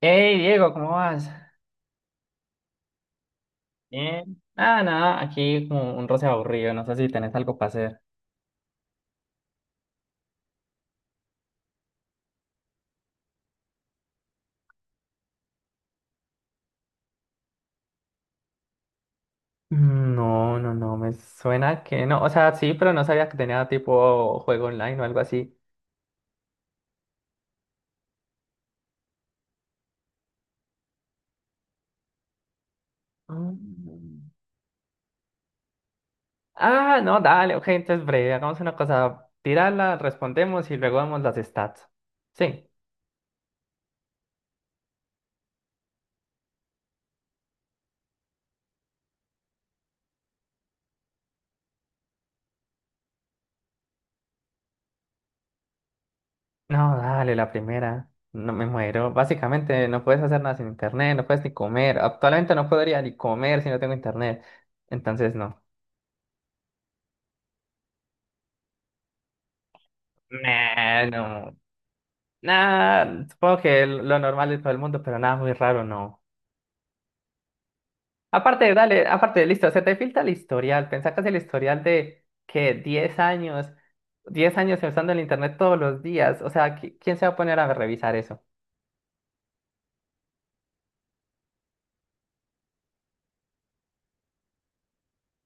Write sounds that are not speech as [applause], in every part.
Hey Diego, ¿cómo vas? Bien. Nada, aquí como un roce aburrido, no sé si tenés algo para hacer. No, me suena que no. O sea, sí, pero no sabía que tenía tipo juego online o algo así. Mm. No, dale, ok, entonces breve, hagamos una cosa. Tírala, respondemos y luego vemos las stats. Sí. No, dale, la primera. No me muero. Básicamente no puedes hacer nada sin internet, no puedes ni comer. Actualmente no podría ni comer si no tengo internet. Entonces, no. Nah, no. Nada, supongo que lo normal de todo el mundo, pero nada muy raro, no. Aparte, dale, aparte, listo, se te filtra el historial. Pensá que es el historial de que 10 años usando el internet todos los días. O sea, ¿quién se va a poner a revisar eso?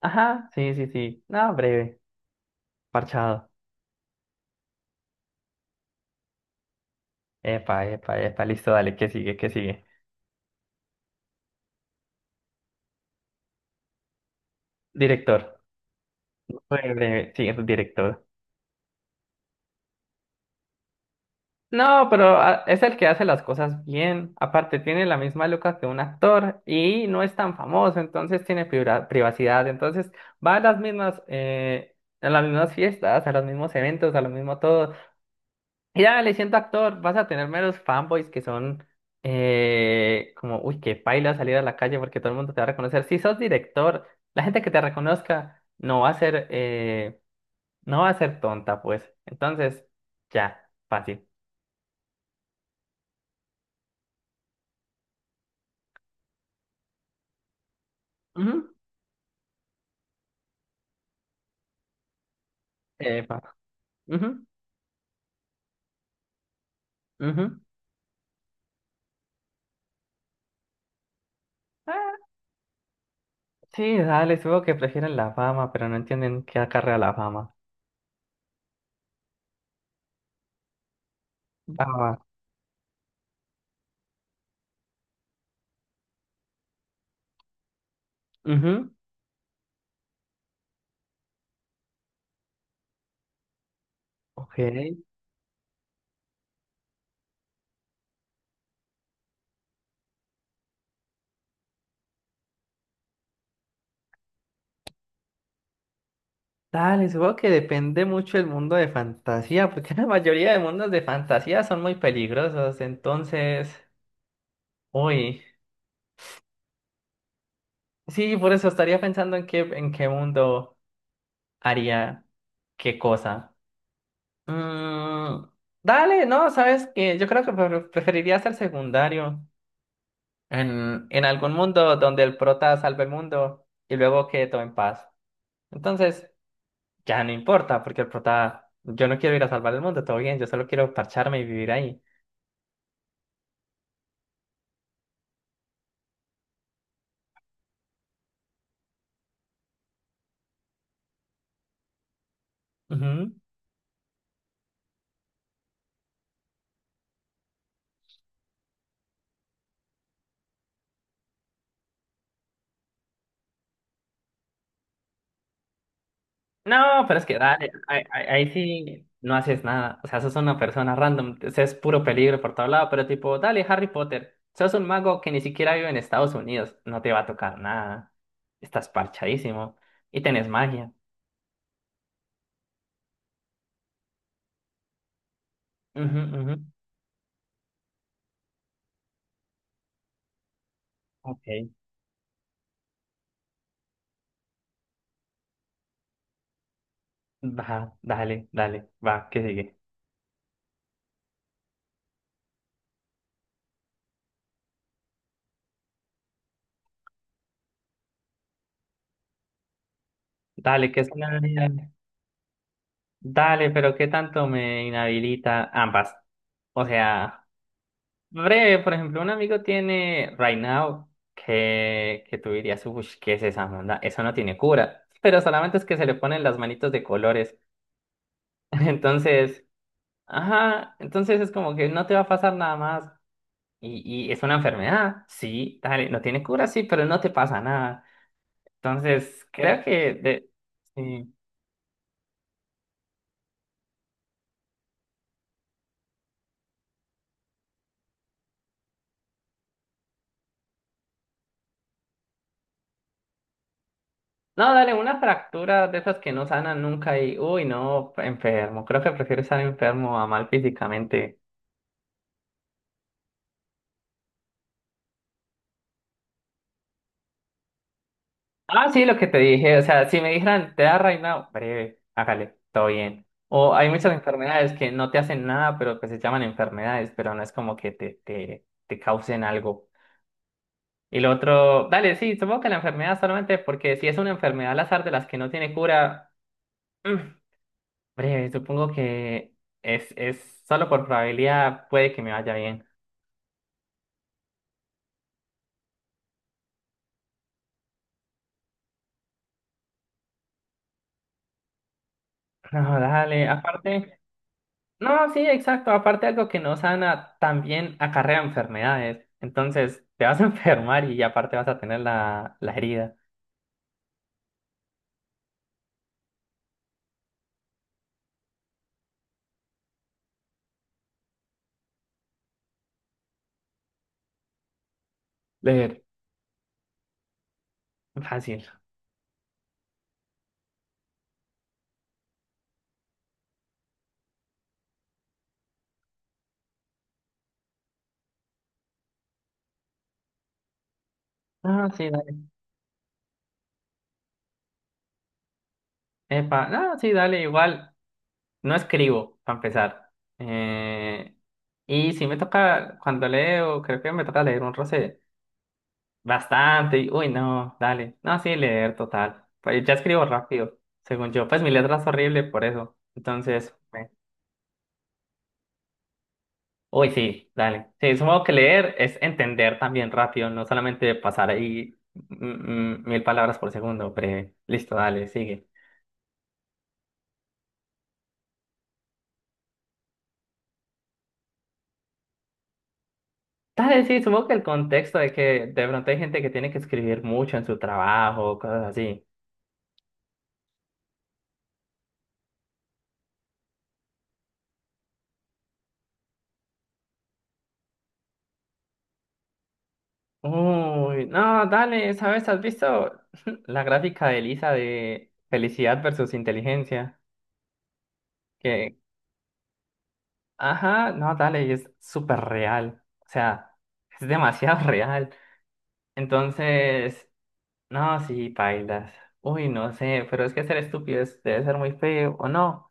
Ajá, sí, sí, sí. No, breve, parchado. Epa, epa, epa, listo, dale, ¿qué sigue? ¿Qué sigue? Director. Fue breve, sí, director. No, pero es el que hace las cosas bien. Aparte, tiene la misma luca que un actor y no es tan famoso, entonces tiene privacidad. Entonces va a las mismas fiestas, a los mismos eventos, a lo mismo todo. Y ya le siento actor, vas a tener meros fanboys que son como, uy, qué paila salir a la calle porque todo el mundo te va a reconocer. Si sos director, la gente que te reconozca no va a ser, no va a ser tonta, pues. Entonces, ya, fácil. Ujú. Epa. Ujú, ujú. Ah, sí, dale, supongo que prefieren la fama, pero no entienden qué acarrea la fama. Fama. Ujú, Ok. Dale, supongo que depende mucho el mundo de fantasía, porque [laughs] la mayoría de mundos de fantasía son muy peligrosos, entonces, uy, sí, por eso estaría pensando en qué mundo haría qué cosa. Mm, dale, no, sabes que yo creo que preferiría ser secundario. En algún mundo donde el prota salve el mundo y luego quede todo en paz. Entonces, ya no importa, porque el prota, yo no quiero ir a salvar el mundo, todo bien, yo solo quiero parcharme y vivir ahí. Ujú. No, pero es que dale, ahí sí no haces nada. O sea, sos una persona random, o sea, es puro peligro por todo lado, pero tipo, dale, Harry Potter, sos un mago que ni siquiera vive en Estados Unidos, no te va a tocar nada, estás parchadísimo y tenés magia. Ujú, ujú. Ok. Va, dale, dale, va, que sigue. Dale, que es una... Dale, pero ¿qué tanto me inhabilita ambas? O sea, breve, por ejemplo, un amigo tiene Right Now que tú dirías, uy, ¿qué es esa onda? Eso no tiene cura, pero solamente es que se le ponen las manitos de colores. [laughs] Entonces, ajá, entonces es como que no te va a pasar nada más. Y es una enfermedad, sí, dale, no tiene cura, sí, pero no te pasa nada. Entonces, creo que... De... sí. No, dale, una fractura de esas que no sanan nunca y, uy, no, enfermo. Creo que prefiero estar enfermo a mal físicamente. Ah, sí, lo que te dije. O sea, si me dijeran, te da reinado, breve, hágale, todo bien. O hay muchas enfermedades que no te hacen nada, pero que se llaman enfermedades, pero no es como que te causen algo. Y lo otro, dale, sí, supongo que la enfermedad solamente porque si es una enfermedad al azar de las que no tiene cura, mm, breve, supongo que es solo por probabilidad puede que me vaya bien. No, dale, aparte, no, sí, exacto, aparte algo que no sana también acarrea enfermedades, entonces te vas a [laughs] enfermar y aparte vas a tener la herida. Leer. Fácil. No, sí, dale. Epa, no, sí, dale, igual, no escribo, para empezar. Eh, y si me toca, cuando leo, creo que me toca leer un roce bastante, y, uy, no, dale, no, sí, leer, total. Pues ya escribo rápido, según yo, pues mi letra es horrible por eso, entonces... Uy, sí, dale. Sí, supongo que leer es entender también rápido, no solamente pasar ahí mil palabras por segundo, pero listo, dale, sigue. Dale, sí, supongo que el contexto de que de pronto hay gente que tiene que escribir mucho en su trabajo, cosas así. Uy, no, dale, ¿sabes? ¿Has visto [laughs] la gráfica de Elisa de felicidad versus inteligencia? Que, ajá, no, dale, y es súper real. O sea, es demasiado [laughs] real. Entonces... No, sí, pailas. Uy, no sé, pero es que ser estúpido debe ser muy feo, ¿o no?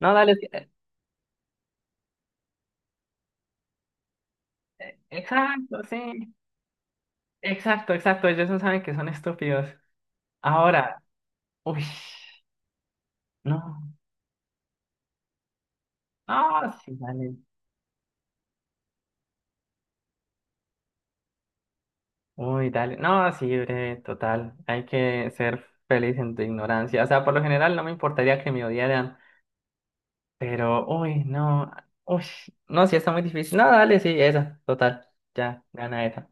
No, dale, sí, exacto, sí. Exacto, exacto, ellos no saben que son estúpidos. Ahora, uy, no. No, sí, dale. Uy, dale. No, sí, breve, total. Hay que ser feliz en tu ignorancia. O sea, por lo general no me importaría que me odiaran, pero, uy, no. Uy, no, sí, está muy difícil. No, dale, sí, esa, total. Ya, gana esa.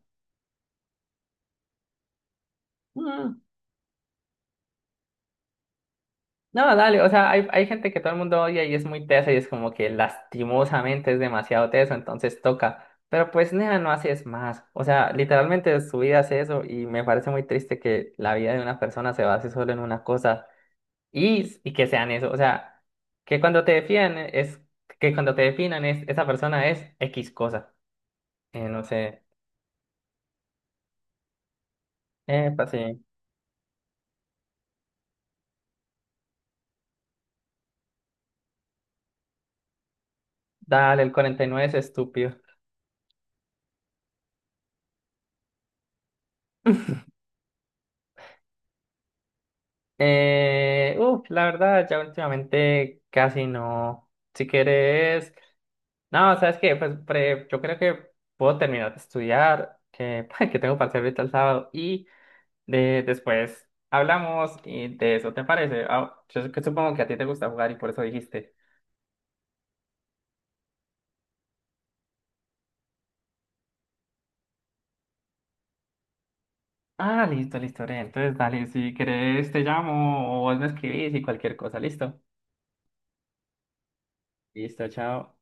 Mm. No, dale, o sea, hay gente que todo el mundo odia y es muy tesa y es como que lastimosamente es demasiado teso, entonces toca. Pero pues, nea, no haces más. O sea, literalmente su vida es eso y me parece muy triste que la vida de una persona se base solo en una cosa y que sean eso. O sea, que cuando te definan es, que cuando te definan es, esa persona es X cosa. No sé. Pues sí. Dale, el 49 es estúpido. Uf, la verdad, ya últimamente casi no. Si quieres, no, ¿sabes qué? Pues yo creo que puedo terminar de estudiar, que, [laughs] que tengo parcial ahorita el sábado, y de, después hablamos y de eso, ¿te parece? Ah, yo sé que supongo que a ti te gusta jugar y por eso dijiste. Ah, listo, listo, Ore, entonces, dale, si quieres, te llamo o vos me escribís y cualquier cosa, listo. Listo, chao.